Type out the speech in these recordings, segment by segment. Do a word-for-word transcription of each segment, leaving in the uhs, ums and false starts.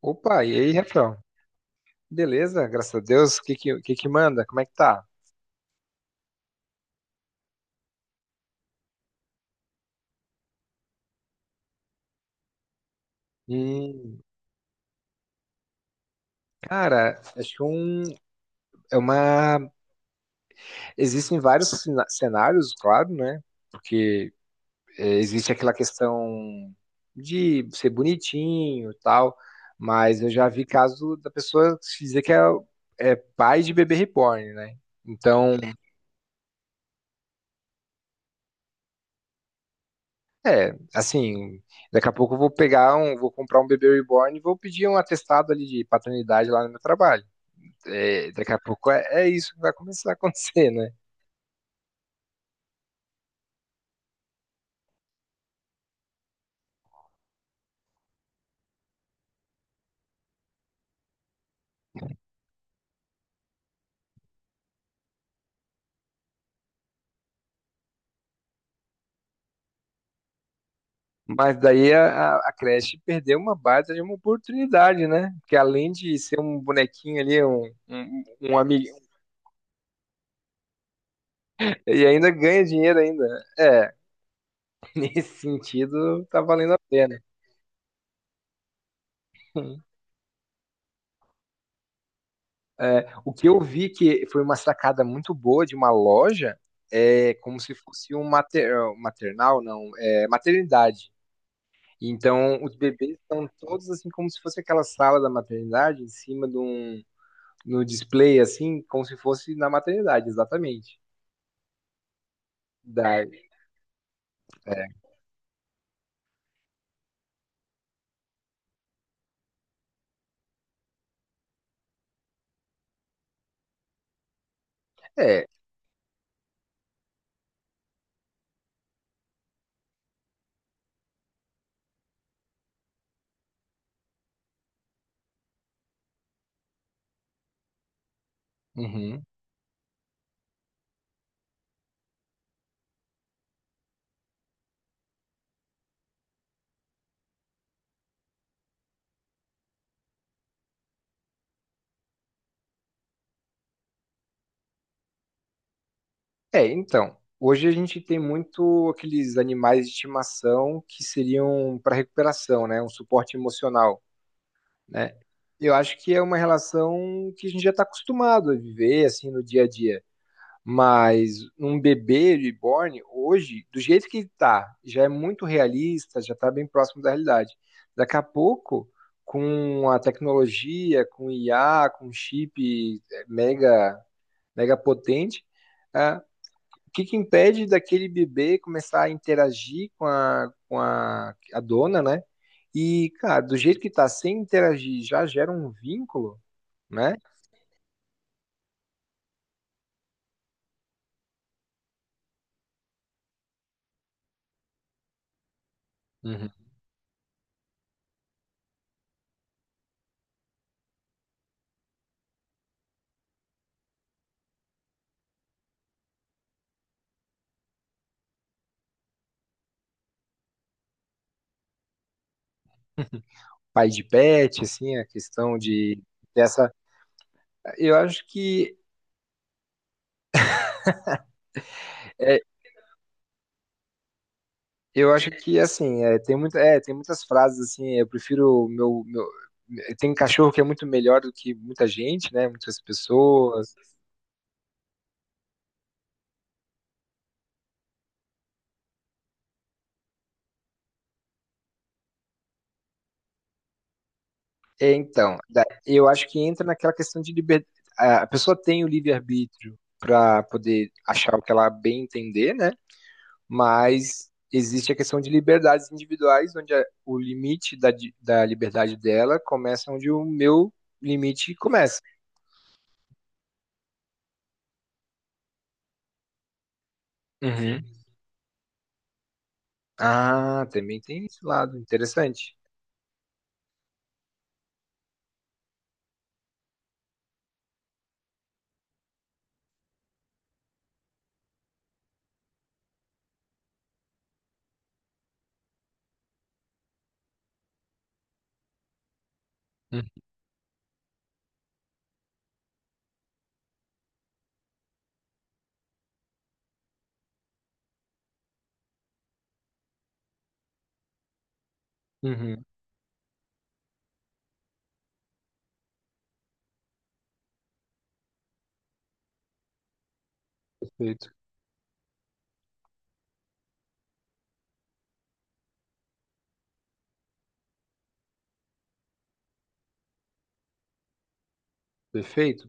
Opa, e aí, Refrão? Beleza, graças a Deus. O que que, que que manda? Como é que tá? Hum, cara, acho que um, é uma. Existem vários cena- cenários, claro, né? Porque é, existe aquela questão de ser bonitinho e tal, mas eu já vi caso da pessoa se dizer que é, é pai de bebê reborn, né? Então, assim, daqui a pouco eu vou pegar um, vou comprar um bebê reborn e vou pedir um atestado ali de paternidade lá no meu trabalho. é, daqui a pouco é, é isso que vai começar a acontecer, né? Mas daí a, a creche perdeu uma baita de uma oportunidade, né? Porque além de ser um bonequinho ali, um, um, um amigo, e ainda ganha dinheiro ainda. É, nesse sentido, tá valendo a pena. É, o que eu vi que foi uma sacada muito boa de uma loja, é como se fosse um mater, maternal, não, é maternidade. Então, os bebês estão todos assim como se fosse aquela sala da maternidade em cima de um no display, assim, como se fosse na maternidade, exatamente. Da... É, uhum. É, então. Hoje a gente tem muito aqueles animais de estimação que seriam para recuperação, né? Um suporte emocional, né? Eu acho que é uma relação que a gente já está acostumado a viver, assim, no dia a dia. Mas um bebê reborn, hoje, do jeito que tá, já é muito realista, já tá bem próximo da realidade. Daqui a pouco, com a tecnologia, com I A, com chip é, mega, mega potente, ah, o que que impede daquele bebê começar a interagir com a, com a, a dona, né? E, cara, do jeito que tá, sem interagir, já gera um vínculo, né? Uhum. Pai de pet, assim, a questão de dessa Eu acho que é, eu acho que assim, é, tem muito, é, tem muitas frases assim, eu prefiro o meu, meu é, tem cachorro que é muito melhor do que muita gente, né? Muitas pessoas. É, então, da- eu acho que entra naquela questão de liberdade. A a pessoa tem o livre-arbítrio para poder achar o que ela bem entender, né? Mas existe a questão de liberdades individuais, onde a- o limite da, di- da liberdade dela começa onde o meu limite começa. Ah, também tem esse lado, interessante. Hum, Uhum, perfeito, perfeito.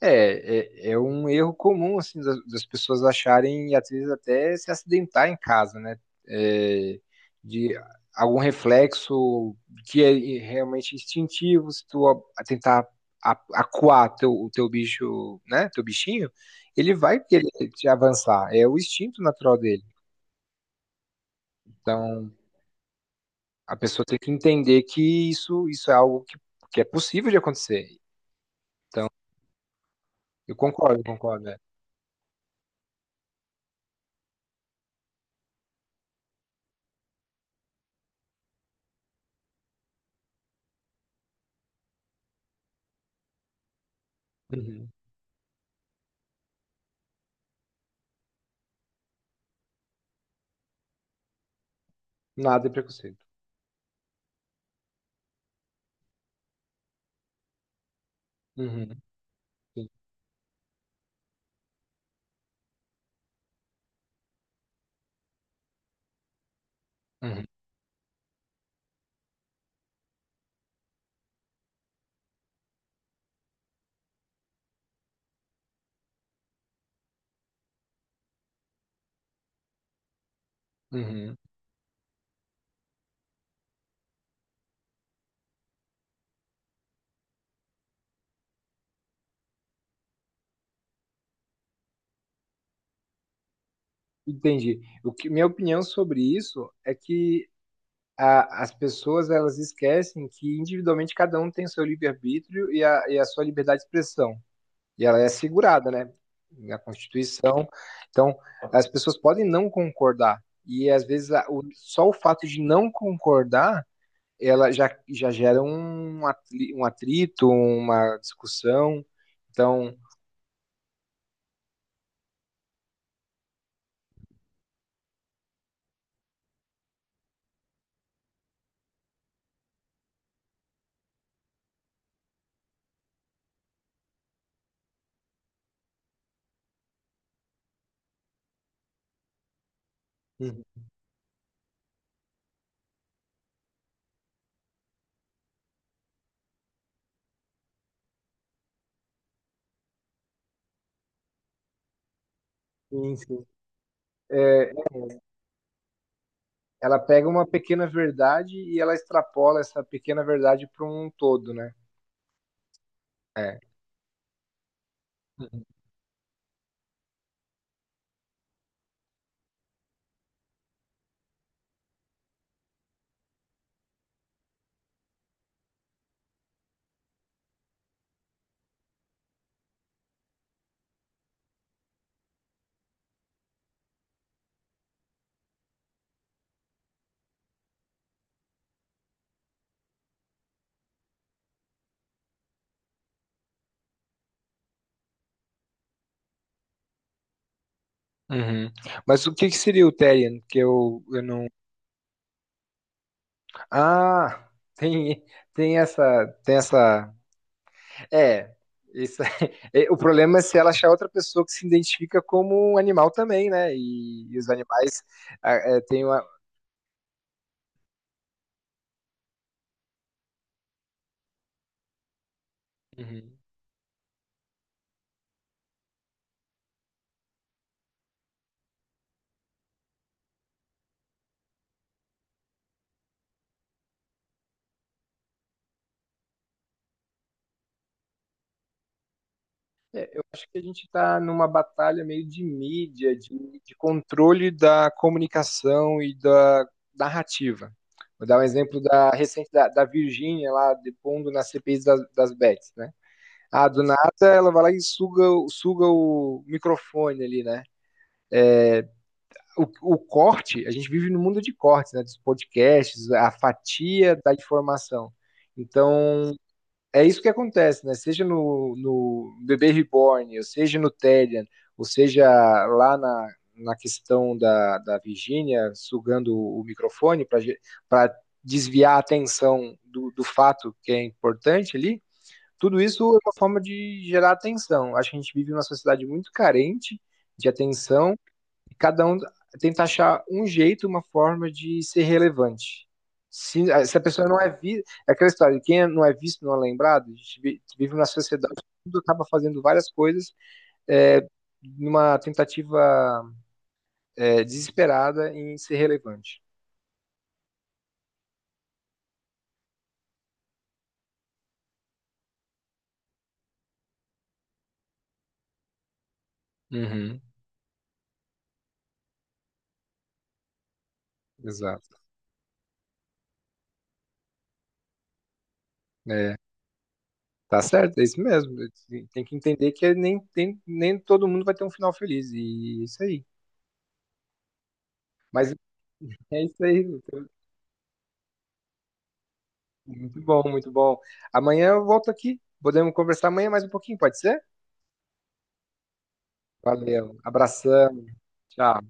É, é, é um erro comum, assim, das, das pessoas acharem e às vezes até se acidentar em casa, né? É, de algum reflexo que é realmente instintivo, se tu a- tentar a- acuar teu, o teu bicho, né? Teu bichinho, ele vai querer te avançar, é o instinto natural dele. Então, a pessoa tem que entender que isso, isso é algo que, que é possível de acontecer. Eu concordo, concordo. É. Uhum. Nada é preconceito. Uhum. Sim. Uhum. Uhum. Entendi. O que, minha opinião sobre isso é que a- as pessoas elas esquecem que individualmente cada um tem o seu livre-arbítrio e a, e a sua liberdade de expressão. E ela é assegurada, né? Na Constituição. Então, as pessoas podem não concordar. E às vezes a- o- só o fato de não concordar ela já, já gera um, atri- um atrito, uma discussão. Então, uhum. Sim, sim. É, ela pega uma pequena verdade e ela extrapola essa pequena verdade para um todo, né? É. Uhum. Uhum. Mas o que que seria o Therian? Que eu, eu não. Ah, tem, tem essa, tem essa. É, isso, é, o problema é se ela achar outra pessoa que se identifica como um animal também, né? E, e os animais ah, é, têm uma. Uhum. Eu acho que a gente está numa batalha meio de mídia, de, de controle da comunicação e da narrativa. Vou dar um exemplo da recente da, da Virgínia lá depondo na C P I das, das bets, né? Ah, do nada ela vai lá e suga, o- suga o microfone ali, né? O, o corte, a gente vive no mundo de cortes, né? Dos podcasts, a fatia da informação. Então, é isso que acontece, né? Seja no, no Bebê Reborn, ou seja no Telian, ou seja lá na, na questão da, da Virginia sugando o microfone para desviar a atenção do, do fato que é importante ali, tudo isso é uma forma de gerar atenção. Acho que a gente vive numa sociedade muito carente de atenção e cada um tenta achar um jeito, uma forma de ser relevante. Se, eh, se a pessoa não é vista. É aquela história, quem não é visto não é lembrado, a gente vi- vive na sociedade, tudo acaba fazendo várias coisas é, numa tentativa é, desesperada em ser relevante. Uhum, exato. É, tá certo, é isso mesmo. Tem que entender que nem, tem, nem todo mundo vai ter um final feliz. E é isso aí. Mas é isso aí. Muito bom, muito bom. Amanhã eu volto aqui. Podemos conversar amanhã mais um pouquinho, pode ser? Valeu. Abração. Tchau.